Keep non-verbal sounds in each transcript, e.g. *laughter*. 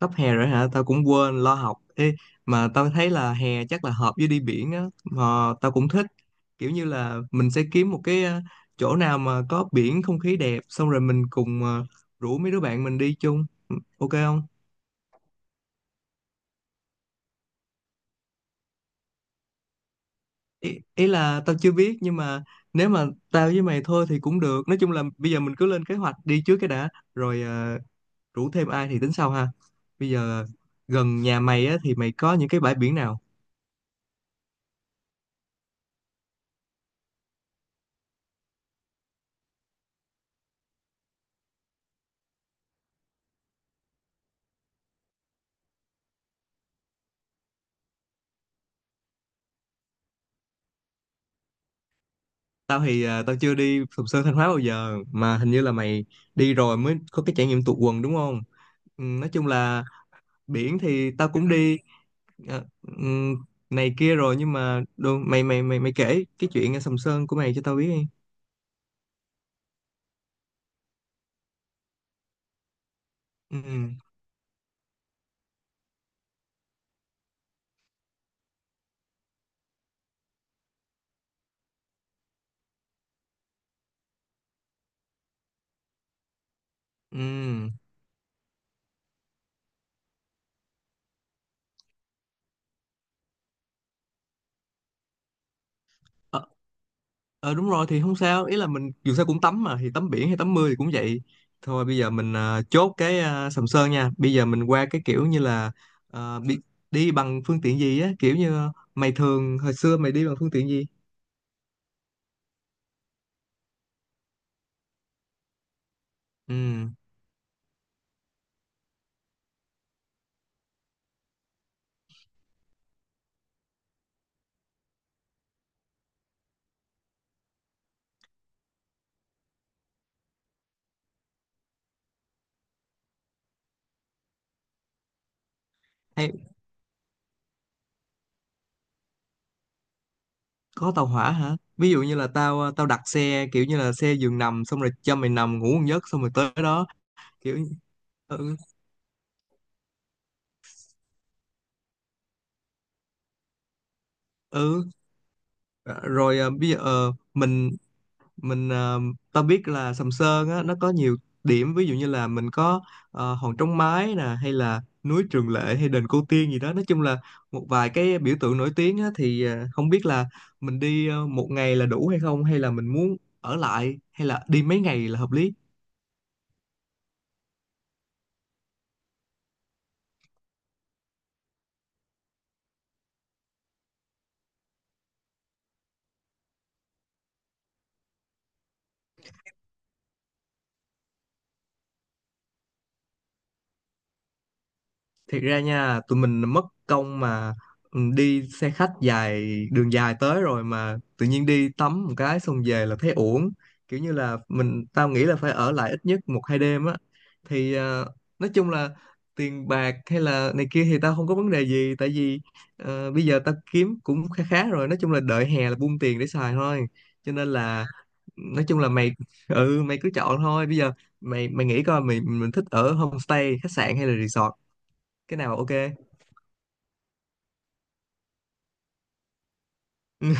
Sắp hè rồi hả? Tao cũng quên lo học. Ê, mà tao thấy là hè chắc là hợp với đi biển á, mà tao cũng thích kiểu như là mình sẽ kiếm một cái chỗ nào mà có biển không khí đẹp, xong rồi mình cùng rủ mấy đứa bạn mình đi chung. Ừ, ok không? Ý là tao chưa biết, nhưng mà nếu mà tao với mày thôi thì cũng được. Nói chung là bây giờ mình cứ lên kế hoạch đi trước cái đã, rồi rủ thêm ai thì tính sau ha. Bây giờ gần nhà mày á thì mày có những cái bãi biển nào? Tao chưa đi Sầm Sơn Thanh Hóa bao giờ, mà hình như là mày đi rồi mới có cái trải nghiệm tụt quần đúng không? Ừ, nói chung là biển thì tao cũng đi à, ừm, này kia rồi, nhưng mà đồ, mày mày mày mày kể cái chuyện ở Sầm Sơn của mày cho tao biết đi. Ừ. Ừ. Ờ, ờ, đúng rồi thì không sao. Ý là mình dù sao cũng tắm mà, thì tắm biển hay tắm mưa thì cũng vậy thôi. Bây giờ mình chốt cái Sầm Sơn nha. Bây giờ mình qua cái kiểu như là à, bị, đi bằng phương tiện gì á, kiểu như mày thường hồi xưa mày đi bằng phương tiện gì? Ừ. Hay có tàu hỏa hả? Ví dụ như là tao đặt xe kiểu như là xe giường nằm xong rồi cho mày nằm ngủ một giấc xong rồi tới đó, kiểu ừ, ừ. Ờ, Rồi bây giờ mình ta biết là Sầm Sơn á, nó có nhiều điểm, ví dụ như là mình có Hòn Trống Mái nè hay là núi Trường Lệ hay đền Cô Tiên gì đó. Nói chung là một vài cái biểu tượng nổi tiếng á, thì không biết là mình đi một ngày là đủ hay không, hay là mình muốn ở lại, hay là đi mấy ngày là hợp lý? Thiệt ra nha tụi mình mất công mà, ừ, đi xe khách dài, đường dài tới rồi mà tự nhiên đi tắm một cái xong về là thấy uổng. Kiểu như là tao nghĩ là phải ở lại ít nhất một hai đêm á. Thì nói chung là tiền bạc hay là này kia thì tao không có vấn đề gì, tại vì bây giờ tao kiếm cũng khá khá rồi, nói chung là đợi hè là buông tiền để xài thôi, cho nên là nói chung là mày mày cứ chọn thôi. Bây giờ mày mày nghĩ coi mình thích ở homestay, khách sạn hay là resort, cái nào ok? *laughs* Ừ.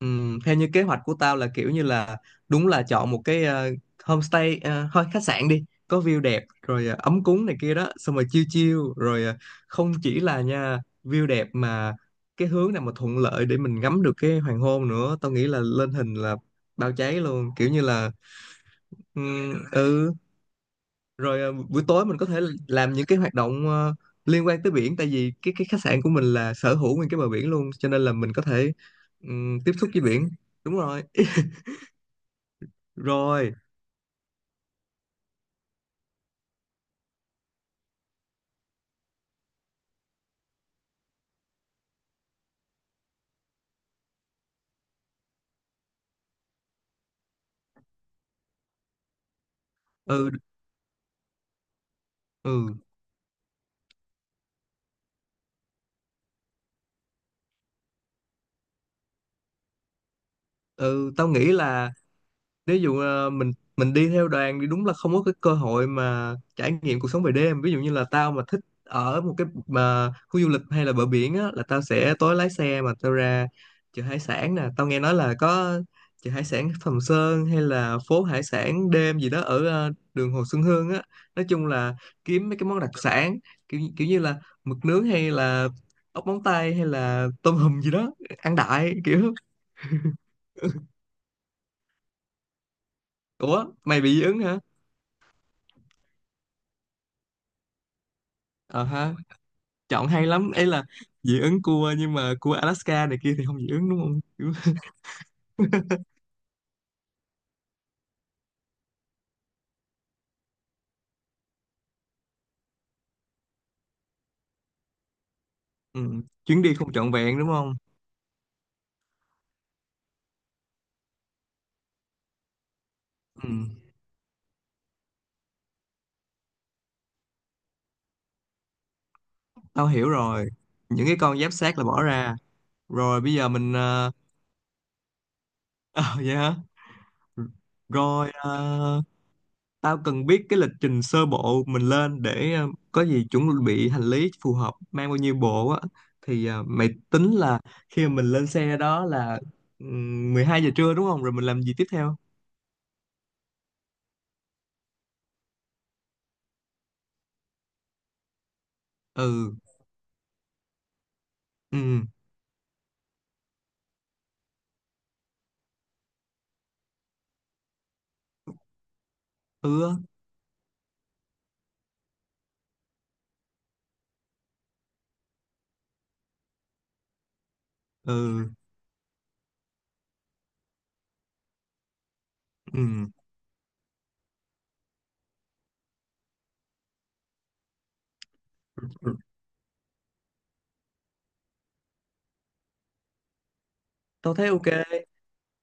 Theo như kế hoạch của tao là kiểu như là đúng là chọn một cái homestay thôi khách sạn đi có view đẹp, rồi ấm cúng này kia đó, xong rồi chill chill, rồi không chỉ là nha view đẹp mà cái hướng nào mà thuận lợi để mình ngắm được cái hoàng hôn nữa, tao nghĩ là lên hình là bao cháy luôn, kiểu như là ừ, rồi buổi tối mình có thể làm những cái hoạt động liên quan tới biển, tại vì cái khách sạn của mình là sở hữu nguyên cái bờ biển luôn, cho nên là mình có thể tiếp xúc với biển. Đúng rồi. *laughs* Rồi. Ừ. Ừ. Ừ. Tao nghĩ là nếu dụ mình đi theo đoàn thì đúng là không có cái cơ hội mà trải nghiệm cuộc sống về đêm. Ví dụ như là tao mà thích ở một cái mà khu du lịch hay là bờ biển á, là tao sẽ tối lái xe mà tao ra chợ hải sản nè. Tao nghe nói là có chợ hải sản Sầm Sơn hay là phố hải sản đêm gì đó ở đường Hồ Xuân Hương á. Nói chung là kiếm mấy cái món đặc sản, kiểu kiểu như là mực nướng hay là ốc móng tay hay là tôm hùm gì đó, ăn đại kiểu. Ủa mày bị dị ứng hả? Ờ ha. Chọn hay lắm ấy là dị ứng cua, nhưng mà cua Alaska này kia thì không dị ứng đúng không? Kiểu- *laughs* Ừ. Chuyến đi không trọn vẹn đúng không? Ừ. Tao hiểu rồi, những cái con giáp xác là bỏ ra. Rồi bây giờ mình *laughs* ờ, vậy hả. Rồi tao cần biết cái lịch trình sơ bộ mình lên để có gì chuẩn bị hành lý phù hợp, mang bao nhiêu bộ á. Thì mày tính là khi mà mình lên xe đó là 12 giờ trưa đúng không, rồi mình làm gì tiếp theo? Ừ. Ừ. Ừ á. Ừ. Ừ. Ừ. Tôi thấy ok,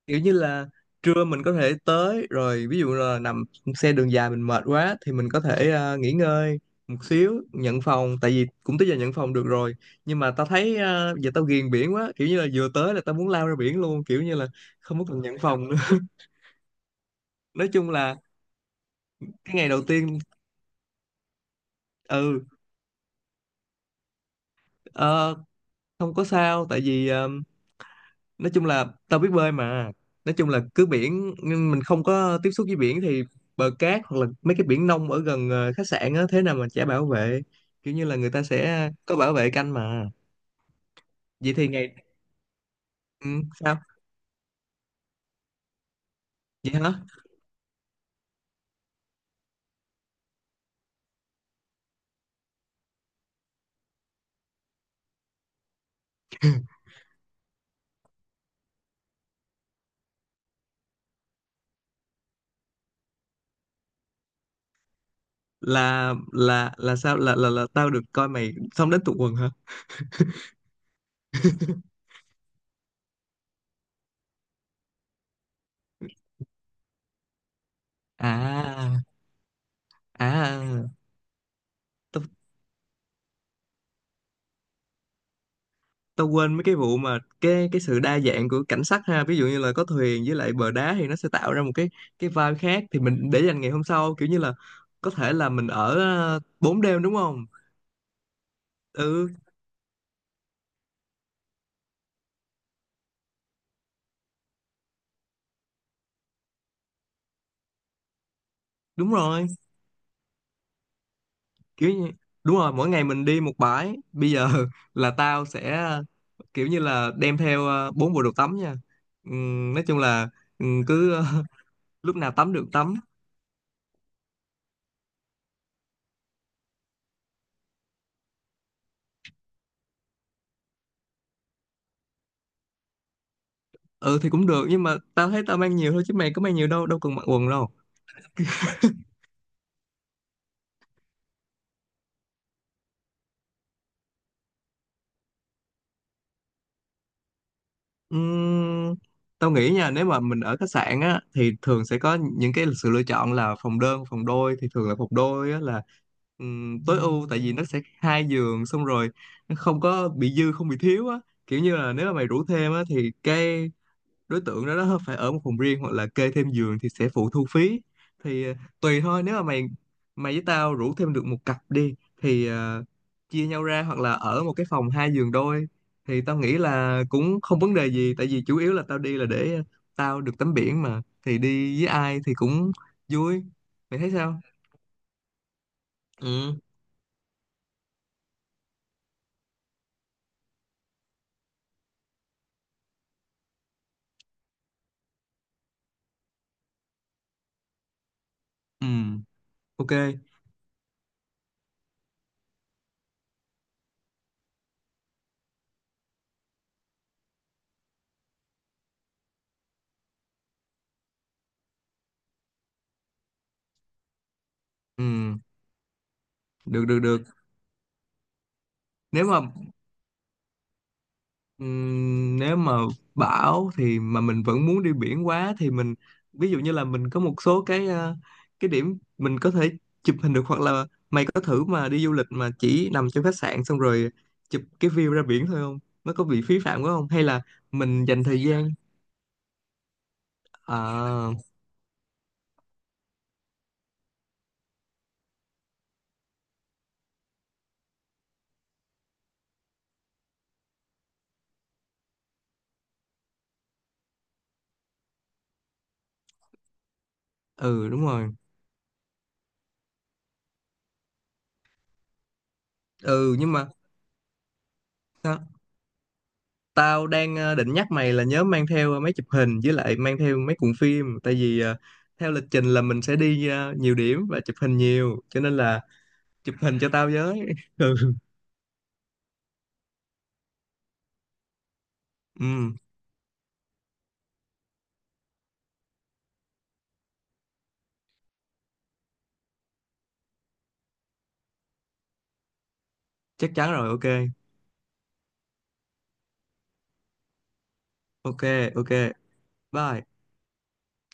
kiểu như là trưa mình có thể tới rồi. Ví dụ là nằm xe đường dài mình mệt quá thì mình có thể nghỉ ngơi một xíu, nhận phòng tại vì cũng tới giờ nhận phòng được rồi. Nhưng mà tao thấy giờ tao ghiền biển quá, kiểu như là vừa tới là tao muốn lao ra biển luôn, kiểu như là không có cần nhận phòng nữa. *laughs* Nói chung là cái ngày đầu tiên ừ, ờ, không có sao, tại vì nói chung là tao biết bơi mà. Nói chung là cứ biển nhưng mình không có tiếp xúc với biển thì bờ cát, hoặc là mấy cái biển nông ở gần khách sạn á, thế nào mà chả bảo vệ, kiểu như là người ta sẽ có bảo vệ canh mà. Vậy thì ngày ừ, sao? Vậy hả? Là sao, là tao được coi mày xong đến tụ quần hả? À. à tao tao quên mấy cái vụ mà cái sự đa dạng của cảnh sắc ha, ví dụ như là có thuyền với lại bờ đá thì nó sẽ tạo ra một cái vibe khác, thì mình để dành ngày hôm sau. Kiểu như là có thể là mình ở 4 đêm đúng không? Ừ, đúng rồi. Kiểu như đúng rồi, mỗi ngày mình đi một bãi. Bây giờ *laughs* là tao sẽ kiểu như là đem theo 4 bộ đồ tắm nha. Nói chung là cứ *laughs* lúc nào tắm được tắm. Ừ thì cũng được, nhưng mà tao thấy tao mang nhiều thôi chứ mày có mang nhiều đâu, đâu cần mặc quần đâu. Ừm, Tao nghĩ nha, nếu mà mình ở khách sạn á thì thường sẽ có những cái sự lựa chọn là phòng đơn, phòng đôi, thì thường là phòng đôi á là tối ưu, tại vì nó sẽ hai giường, xong rồi nó không có bị dư không bị thiếu á. Kiểu như là nếu mà mày rủ thêm á thì cái đối tượng đó phải ở một phòng riêng, hoặc là kê thêm giường thì sẽ phụ thu phí. Thì tùy thôi, nếu mà mày mày với tao rủ thêm được một cặp đi thì chia nhau ra, hoặc là ở một cái phòng hai giường đôi thì tao nghĩ là cũng không vấn đề gì. Tại vì chủ yếu là tao đi là để tao được tắm biển mà, thì đi với ai thì cũng vui. Mày thấy sao? Ừ. Ừ. Ok. Ừ. Được, được, được, nếu mà. Nếu mà bão thì mà mình vẫn muốn đi biển quá thì mình, ví dụ như là mình có một số cái cái điểm mình có thể chụp hình được, hoặc là mày có thử mà đi du lịch mà chỉ nằm trong khách sạn xong rồi chụp cái view ra biển thôi không? Nó có bị phí phạm quá không? Hay là mình dành thời gian à, ừ đúng rồi. Ừ nhưng mà sao? Tao đang định nhắc mày là nhớ mang theo máy chụp hình, với lại mang theo mấy cuộn phim, tại vì theo lịch trình là mình sẽ đi nhiều điểm và chụp hình nhiều cho nên là chụp hình cho tao với. *laughs* Ừ. Ừ, chắc chắn rồi, ok. Ok. Ok. Bye.